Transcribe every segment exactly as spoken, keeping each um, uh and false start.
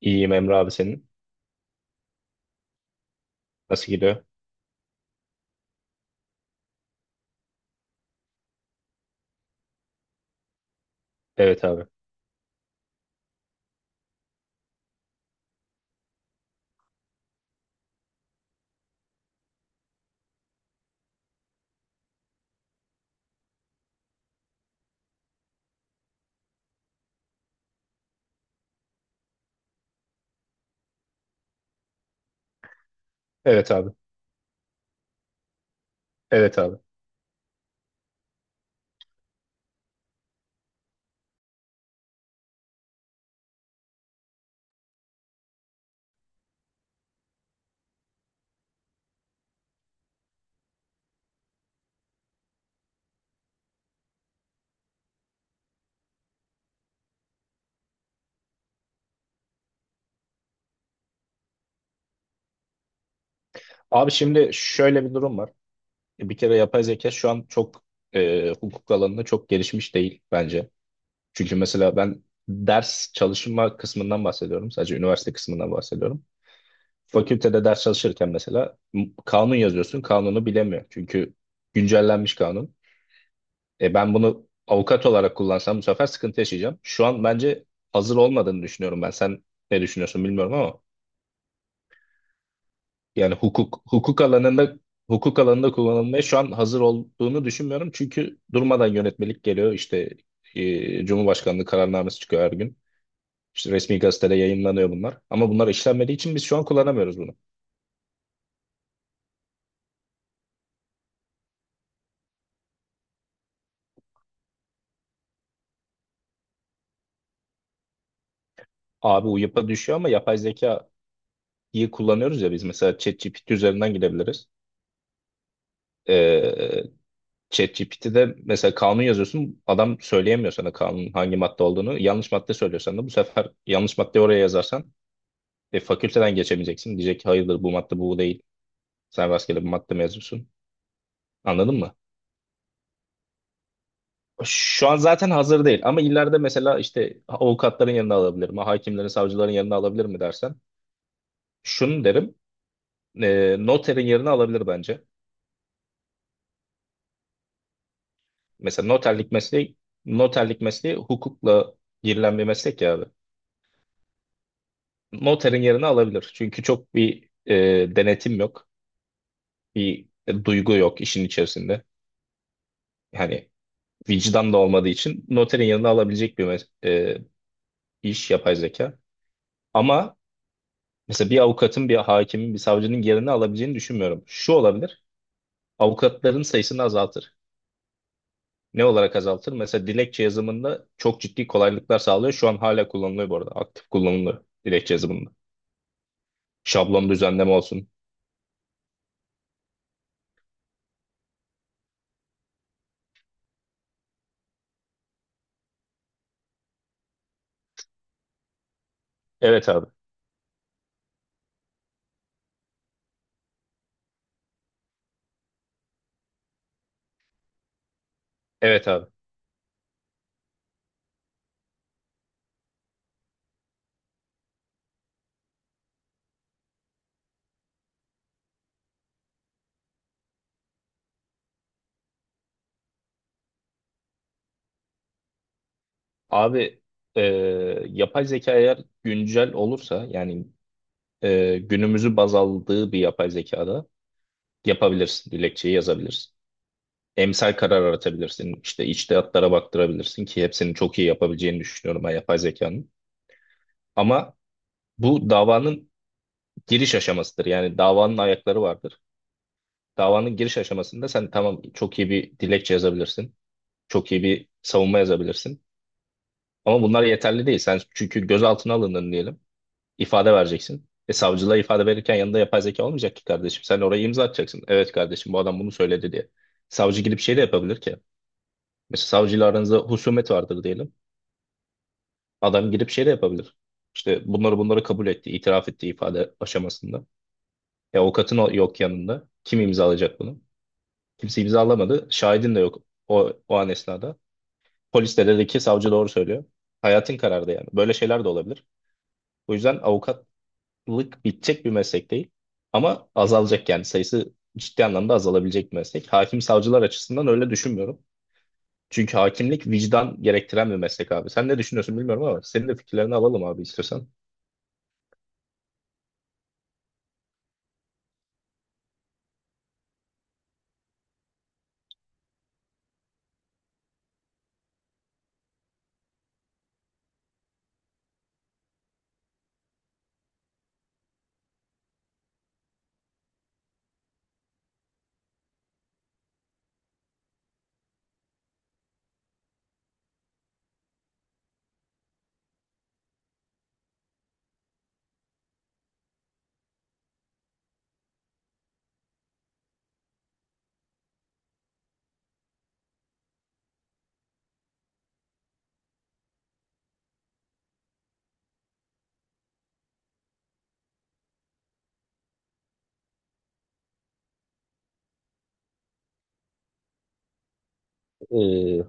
İyiyim Emre abi senin. Nasıl gidiyor? Evet abi. Evet abi. Evet abi. Abi şimdi şöyle bir durum var. Bir kere yapay zeka şu an çok e, hukuk alanında çok gelişmiş değil bence. Çünkü mesela ben ders çalışma kısmından bahsediyorum. Sadece üniversite kısmından bahsediyorum. Fakültede ders çalışırken mesela m- kanun yazıyorsun. Kanunu bilemiyor. Çünkü güncellenmiş kanun. E, ben bunu avukat olarak kullansam bu sefer sıkıntı yaşayacağım. Şu an bence hazır olmadığını düşünüyorum ben. Sen ne düşünüyorsun bilmiyorum ama. Yani hukuk hukuk alanında hukuk alanında kullanılmaya şu an hazır olduğunu düşünmüyorum. Çünkü durmadan yönetmelik geliyor. İşte e, Cumhurbaşkanlığı kararnamesi çıkıyor her gün. İşte resmi gazetede yayınlanıyor bunlar. Ama bunlar işlenmediği için biz şu an kullanamıyoruz bunu. Abi U Y A P'a düşüyor ama yapay zekayı kullanıyoruz ya biz. Mesela ChatGPT üzerinden gidebiliriz. Ee, ChatGPT'de mesela kanun yazıyorsun. Adam söyleyemiyor sana kanun hangi madde olduğunu. Yanlış madde söylüyorsan da bu sefer yanlış maddeyi oraya yazarsan E, fakülteden geçemeyeceksin. Diyecek ki hayırdır bu madde bu değil. Sen rastgele bir madde mezunsun. Anladın mı? Şu an zaten hazır değil ama ileride mesela işte avukatların yanına alabilir mi? Hakimlerin, savcıların yanına alabilir mi dersen. Şunu derim. E, noterin yerine alabilir bence. Mesela noterlik mesleği noterlik mesleği hukukla girilen bir meslek ya abi. Noterin yerine alabilir. Çünkü çok bir e, denetim yok. Bir e, duygu yok işin içerisinde. Yani vicdan da olmadığı için noterin yanına alabilecek bir mes- e, iş yapay zeka. Ama mesela bir avukatın, bir hakimin, bir savcının yerini alabileceğini düşünmüyorum. Şu olabilir, avukatların sayısını azaltır. Ne olarak azaltır? Mesela dilekçe yazımında çok ciddi kolaylıklar sağlıyor. Şu an hala kullanılıyor bu arada. Aktif kullanılıyor dilekçe yazımında. Şablon düzenleme olsun. Evet abi. Evet abi. Abi e, yapay zeka eğer güncel olursa yani e, günümüzü baz aldığı bir yapay zekada yapabilirsin. Dilekçeyi yazabilirsin. emsal karar aratabilirsin. İşte içtihatlara baktırabilirsin ki hepsini çok iyi yapabileceğini düşünüyorum ben yapay zekanın. Ama bu davanın giriş aşamasıdır. Yani davanın ayakları vardır. Davanın giriş aşamasında sen tamam çok iyi bir dilekçe yazabilirsin. Çok iyi bir savunma yazabilirsin. Ama bunlar yeterli değil. Sen çünkü gözaltına alındın diyelim. İfade vereceksin. E savcılığa ifade verirken yanında yapay zeka olmayacak ki kardeşim. Sen oraya imza atacaksın. Evet kardeşim bu adam bunu söyledi diye. Savcı gidip şey de yapabilir ki. Mesela savcıyla aranızda husumet vardır diyelim. Adam gidip şey de yapabilir. İşte bunları bunları kabul etti, itiraf etti ifade aşamasında. E, avukatın o- yok yanında. Kim imzalayacak bunu? Kimse imzalamadı. Şahidin de yok o, o an esnada. Polis de dedi ki savcı doğru söylüyor. Hayatın karardı yani. Böyle şeyler de olabilir. O yüzden avukatlık bitecek bir meslek değil. Ama azalacak yani sayısı ciddi anlamda azalabilecek bir meslek. Hakim savcılar açısından öyle düşünmüyorum. Çünkü hakimlik vicdan gerektiren bir meslek abi. Sen ne düşünüyorsun bilmiyorum ama senin de fikirlerini alalım abi istiyorsan. Ee,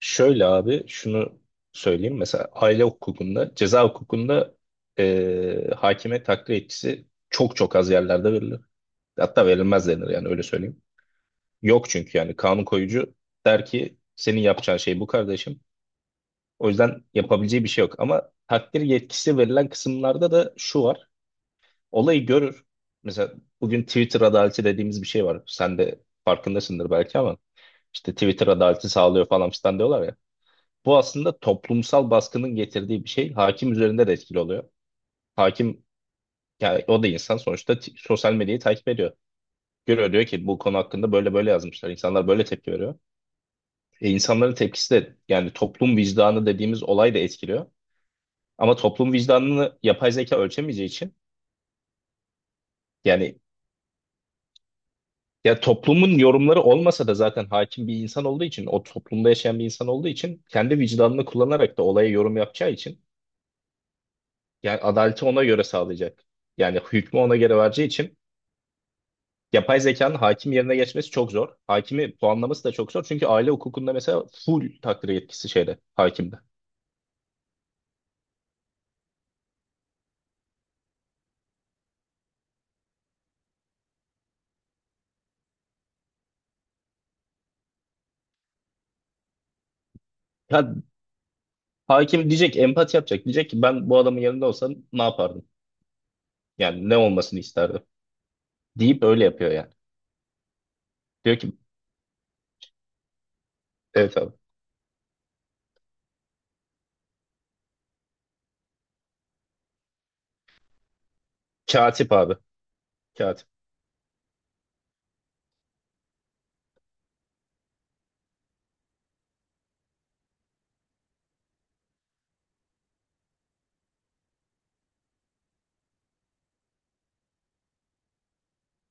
Şöyle abi şunu söyleyeyim. Mesela aile hukukunda, ceza hukukunda e, hakime takdir yetkisi çok çok az yerlerde verilir. Hatta verilmez denir yani öyle söyleyeyim. Yok çünkü yani kanun koyucu der ki senin yapacağın şey bu kardeşim. O yüzden yapabileceği bir şey yok. Ama takdir yetkisi verilen kısımlarda da şu var. Olayı görür. Mesela bugün Twitter adaleti dediğimiz bir şey var. Sen de farkındasındır belki ama işte Twitter adaleti sağlıyor falan filan diyorlar ya. Bu aslında toplumsal baskının getirdiği bir şey. Hakim üzerinde de etkili oluyor. Hakim, yani o da insan sonuçta t- sosyal medyayı takip ediyor. Görüyor diyor ki bu konu hakkında böyle böyle yazmışlar. İnsanlar böyle tepki veriyor. E, insanların tepkisi de yani toplum vicdanı dediğimiz olay da etkiliyor. Ama toplum vicdanını yapay zeka ölçemeyeceği için yani ya toplumun yorumları olmasa da zaten hakim bir insan olduğu için o toplumda yaşayan bir insan olduğu için kendi vicdanını kullanarak da olaya yorum yapacağı için yani adaleti ona göre sağlayacak. Yani hükmü ona göre vereceği için yapay zekanın hakim yerine geçmesi çok zor. Hakimi puanlaması da çok zor. Çünkü aile hukukunda mesela full takdir yetkisi şeyde, hakimde. Ya, hakim diyecek, empati yapacak. Diyecek ki ben bu adamın yanında olsam ne yapardım? Yani ne olmasını isterdim? Deyip öyle yapıyor yani. Diyor ki evet abi. Katip abi. Katip.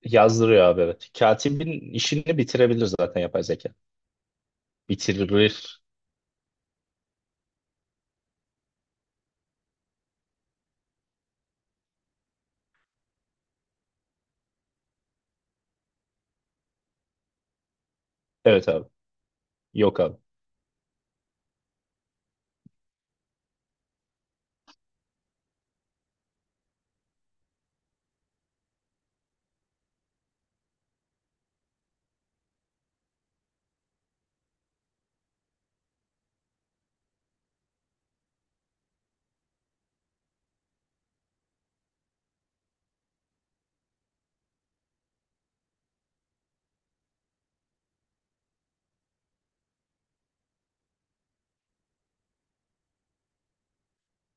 Yazdırıyor abi evet. Katibin işini bitirebilir zaten yapay zeka. Bitirir. Evet abi. Yok abi.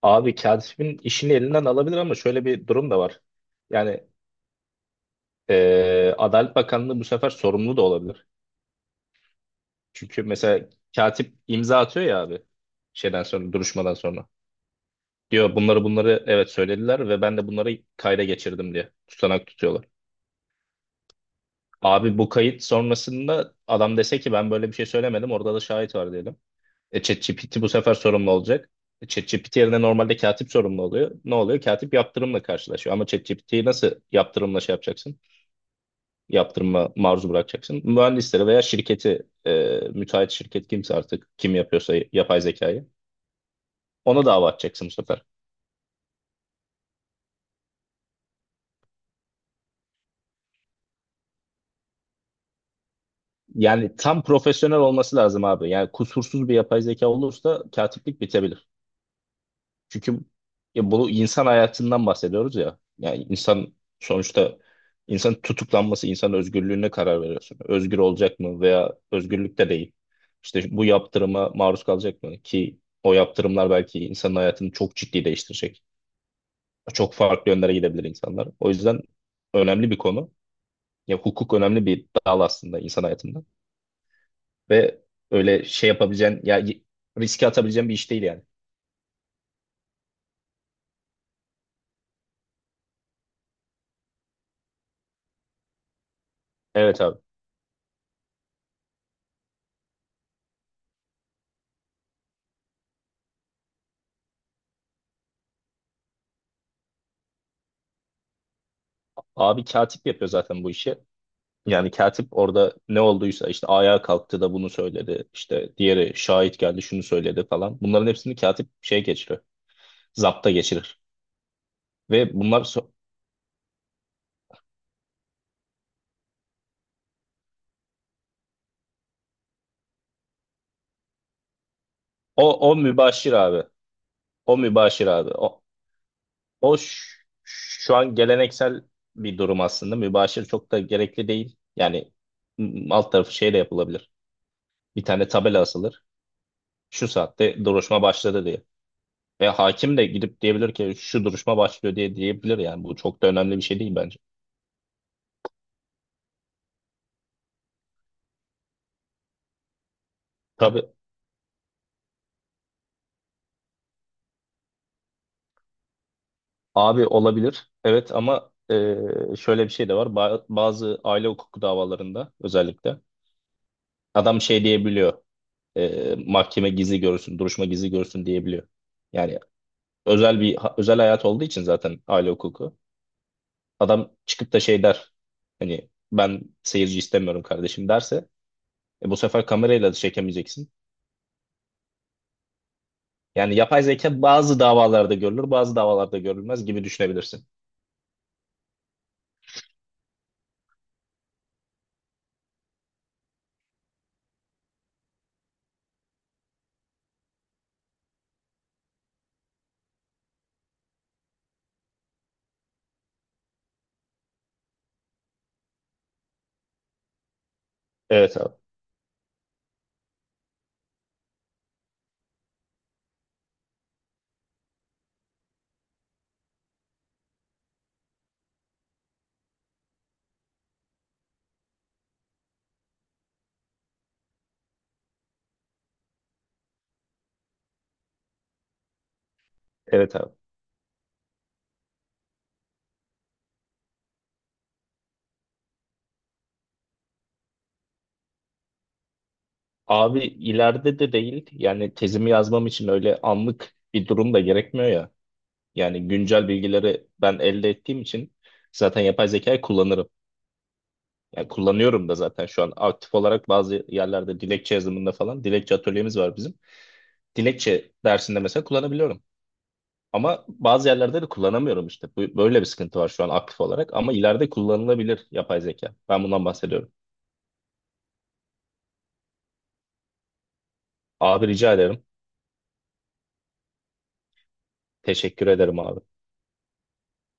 Abi katibin işini elinden alabilir ama şöyle bir durum da var. Yani Ee, Adalet Bakanlığı bu sefer sorumlu da olabilir. Çünkü mesela katip imza atıyor ya abi şeyden sonra duruşmadan sonra. Diyor bunları bunları evet söylediler ve ben de bunları kayda geçirdim diye tutanak tutuyorlar. Abi bu kayıt sonrasında adam dese ki ben böyle bir şey söylemedim orada da şahit var diyelim. E ChatGPT bu sefer sorumlu olacak. E, ChatGPT yerine normalde katip sorumlu oluyor. Ne oluyor? Katip yaptırımla karşılaşıyor. Ama ChatGPT'yi nasıl yaptırımla şey yapacaksın? yaptırıma maruz bırakacaksın. Mühendisleri veya şirketi, e, müteahhit şirket kimse artık kim yapıyorsa yapay zekayı ona dava açacaksın bu sefer. Yani tam profesyonel olması lazım abi. Yani kusursuz bir yapay zeka olursa katiplik bitebilir. Çünkü ya bunu insan hayatından bahsediyoruz ya. Yani insan sonuçta insan tutuklanması, insan özgürlüğüne karar veriyorsun. Özgür olacak mı veya özgürlükte değil. İşte bu yaptırıma maruz kalacak mı ki o yaptırımlar belki insanın hayatını çok ciddi değiştirecek. çok farklı yönlere gidebilir insanlar. O yüzden önemli bir konu. Ya hukuk önemli bir dal aslında insan hayatında. Ve öyle şey yapabileceğin, ya y- riske atabileceğin bir iş değil yani. Evet abi. Abi katip yapıyor zaten bu işi. Yani katip orada ne olduysa işte ayağa kalktı da bunu söyledi. İşte diğeri şahit geldi şunu söyledi falan. Bunların hepsini katip şey geçirir. Zapta geçirir. Ve bunlar so- o, o mübaşir abi. O mübaşir abi. O, O ş- şu an geleneksel bir durum aslında. Mübaşir çok da gerekli değil. Yani m- alt tarafı şeyle yapılabilir. Bir tane tabela asılır. Şu saatte duruşma başladı diye. Ve hakim de gidip diyebilir ki şu duruşma başlıyor diye diyebilir yani. Bu çok da önemli bir şey değil bence. Tabii abi olabilir. Evet ama e, şöyle bir şey de var. Ba- bazı aile hukuku davalarında özellikle adam şey diyebiliyor. E, mahkeme gizli görsün, duruşma gizli görsün diyebiliyor. Yani özel bir ha- özel hayat olduğu için zaten aile hukuku. Adam çıkıp da şey der. Hani ben seyirci istemiyorum kardeşim derse e, bu sefer kamerayla da çekemeyeceksin. Yani yapay zeka bazı davalarda görülür, bazı davalarda görülmez gibi düşünebilirsin. Evet abi. Evet abi. Abi ileride de değil yani tezimi yazmam için öyle anlık bir durum da gerekmiyor ya. Yani güncel bilgileri ben elde ettiğim için zaten yapay zekayı kullanırım. Yani kullanıyorum da zaten şu an aktif olarak bazı yerlerde dilekçe yazımında falan dilekçe atölyemiz var bizim. Dilekçe dersinde mesela kullanabiliyorum. Ama bazı yerlerde de kullanamıyorum işte. Bu- Böyle bir sıkıntı var şu an aktif olarak ama ileride kullanılabilir yapay zeka. Ben bundan bahsediyorum. Abi rica ederim. Teşekkür ederim abi.